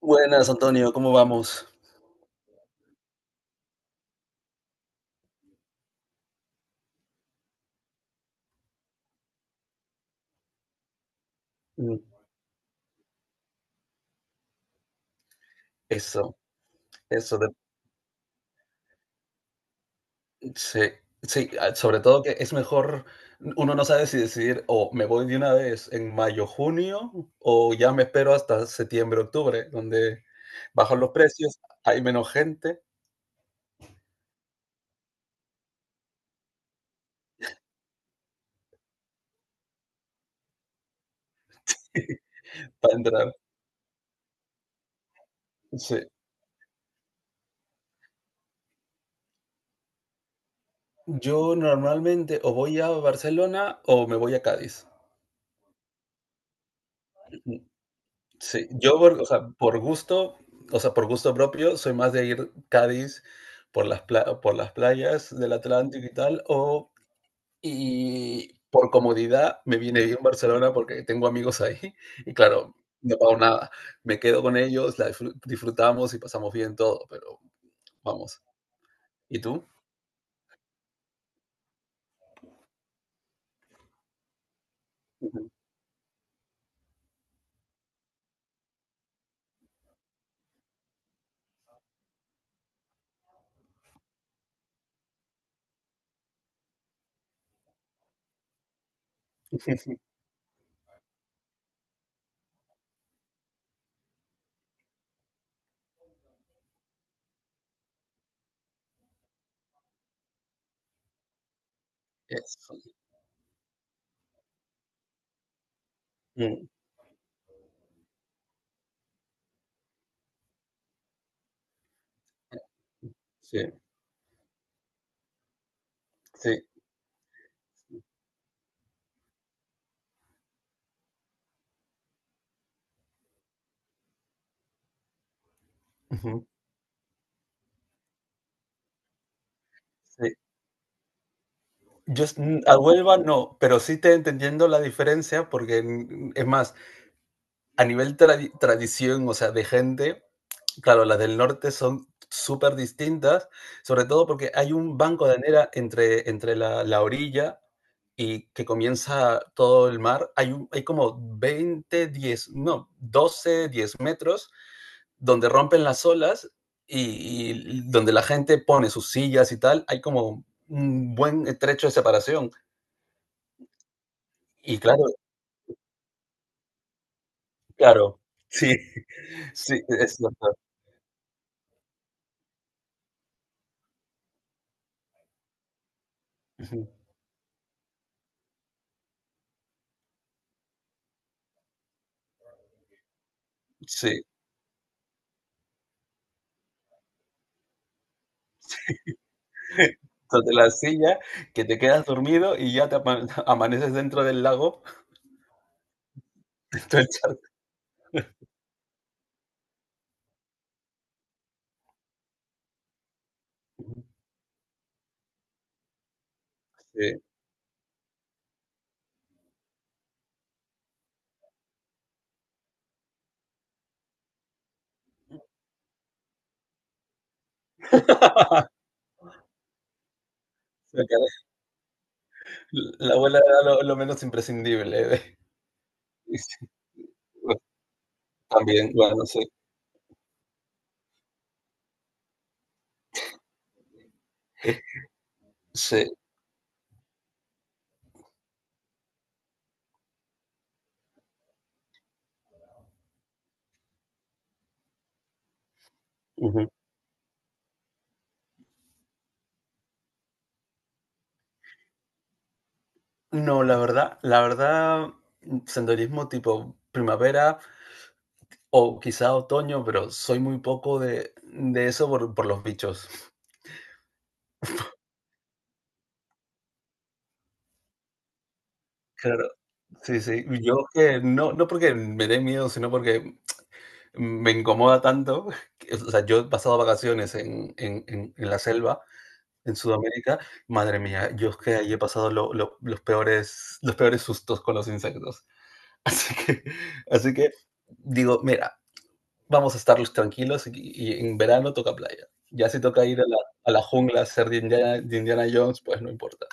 Buenas, Antonio, ¿cómo vamos? Mm. Eso, eso de, sí, sí, ah, sobre todo que es mejor, uno no sabe si decidir: o me voy de una vez en mayo, junio, o ya me espero hasta septiembre, octubre, donde bajan los precios, hay menos gente. Para entrar. Sí. Yo normalmente o voy a Barcelona o me voy a Cádiz. Sí, yo o sea, por gusto, o sea, por gusto propio, soy más de ir Cádiz por las, por las playas del Atlántico y tal, o y por comodidad me viene bien Barcelona porque tengo amigos ahí y claro, no pago nada. Me quedo con ellos, la disfrutamos y pasamos bien todo, pero vamos. ¿Y tú? Ujú. Eso. Mm. Sí, sí. Ujú. Sí. A Huelva no, pero sí te entendiendo la diferencia porque es más, a nivel tradición, o sea, de gente, claro, las del norte son súper distintas, sobre todo porque hay un banco de arena entre la orilla y que comienza todo el mar, hay como 20 10, no, 12 10 metros donde rompen las olas y donde la gente pone sus sillas y tal, hay como un buen trecho de separación. Y claro, claro, sí, sí, es cierto. Ujú. Sí. De la silla, que te quedas dormido y ya te amaneces dentro del lago. Todo el charco, sí. O sea, que la abuela era lo menos imprescindible. Y sí, bueno, también, bueno, sí. Sí. Ujú. No, la verdad, senderismo tipo primavera o quizá otoño, pero soy muy poco de eso por los bichos. Claro. Sí, sí. Yo que no, no porque me dé miedo, sino porque me incomoda tanto, que, o sea, yo he pasado vacaciones en la selva, en Sudamérica. Madre mía, yo es que ahí he pasado los peores sustos con los insectos. Así que, así que, digo, mira, vamos a estar tranquilos y en verano toca playa. Ya si toca ir a la jungla a ser de Indiana Jones, pues no importa.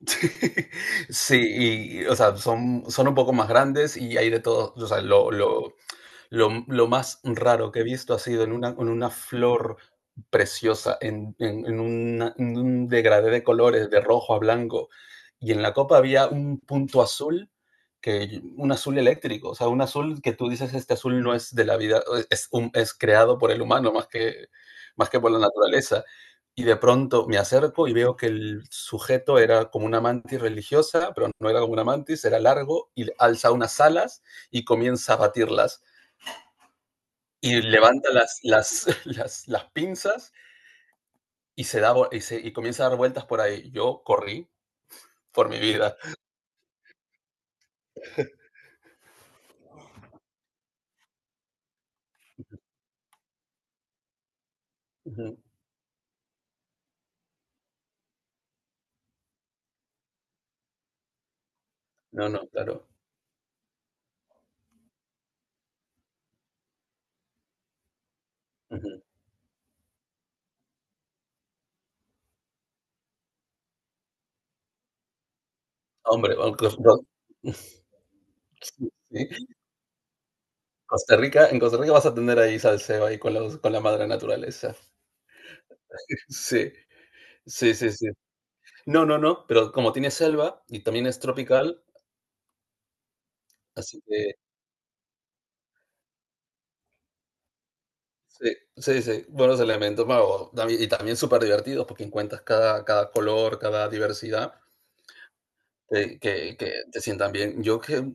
Sí, y, o sea, son un poco más grandes y hay de todo, o sea, lo más raro que he visto ha sido en una flor preciosa, en un degradé de colores, de rojo a blanco, y en la copa había un punto azul, que, un azul eléctrico, o sea, un azul que tú dices, este azul no es de la vida, o es, es creado por el humano más que por la naturaleza. Y de pronto me acerco y veo que el sujeto era como una mantis religiosa, pero no era como una mantis, era largo y alza unas alas y comienza a batirlas y levanta las pinzas y, se da, y, y comienza a dar vueltas por ahí. Yo corrí por mi vida. Ujú. No, no, claro. Ujú. Hombre, bueno, no. Sí, sí. Costa Rica, en Costa Rica vas a tener ahí salseo ahí con la madre naturaleza. Sí, sí, sí, sí. No, no, no, pero como tiene selva y también es tropical, así que sí, sí, sí, buenos elementos, bueno, y también súper divertidos porque encuentras cada color, cada diversidad. Que te sientan bien. Yo que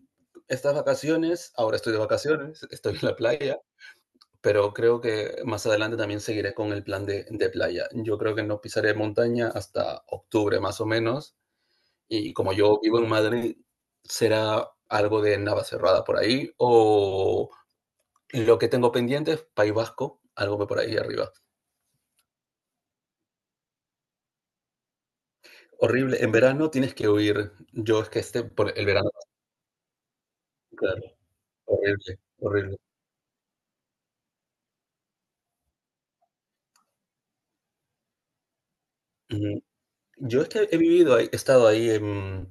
estas vacaciones, ahora estoy de vacaciones, estoy en la playa, pero creo que más adelante también seguiré con el plan de playa. Yo creo que no pisaré montaña hasta octubre, más o menos, y como yo vivo en Madrid, será algo de Navacerrada por ahí, o lo que tengo pendiente es País Vasco, algo por ahí arriba. Horrible, en verano tienes que huir. Yo es que este por el verano, claro, horrible, horrible. Yo es que he estado ahí en,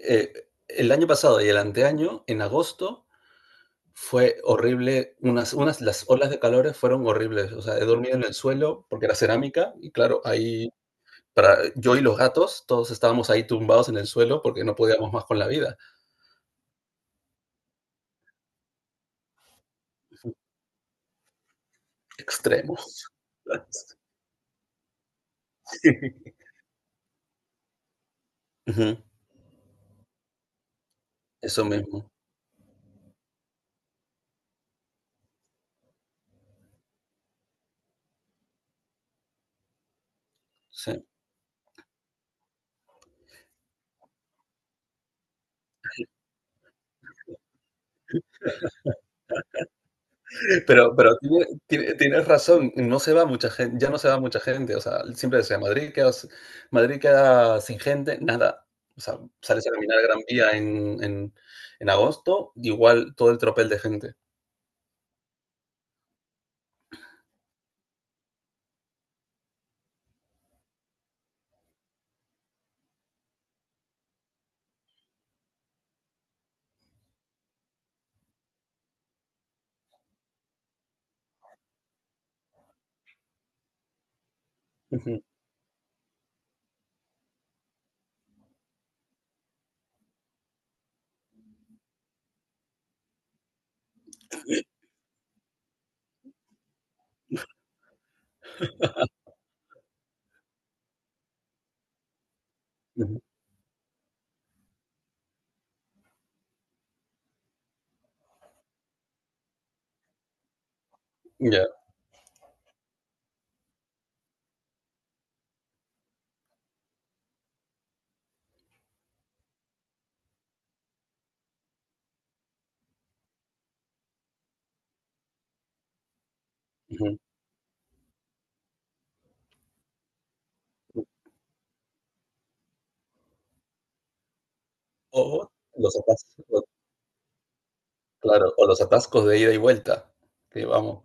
eh, el año pasado y el anteaño, en agosto, fue horrible, las olas de calores fueron horribles, o sea, he dormido en el suelo porque era cerámica y claro, ahí para yo y los gatos, todos estábamos ahí tumbados en el suelo porque no podíamos más con la vida. Extremos. Sí. Ujú. Eso mismo, sí. Pero, tienes razón, no se va mucha gente, ya no se va mucha gente, o sea, siempre decía, Madrid queda sin gente, nada. O sea, sales a caminar Gran Vía en agosto, igual todo el tropel de gente. Ujú, ujú, ya, ujú. O los atascos, claro, o los atascos de ida y vuelta, que vamos.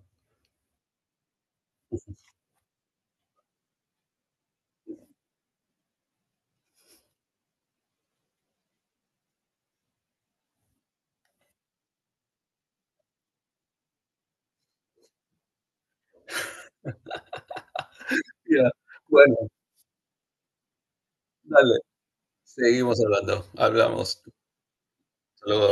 Ya, bueno, dale, seguimos hablando, hablamos. Hasta luego.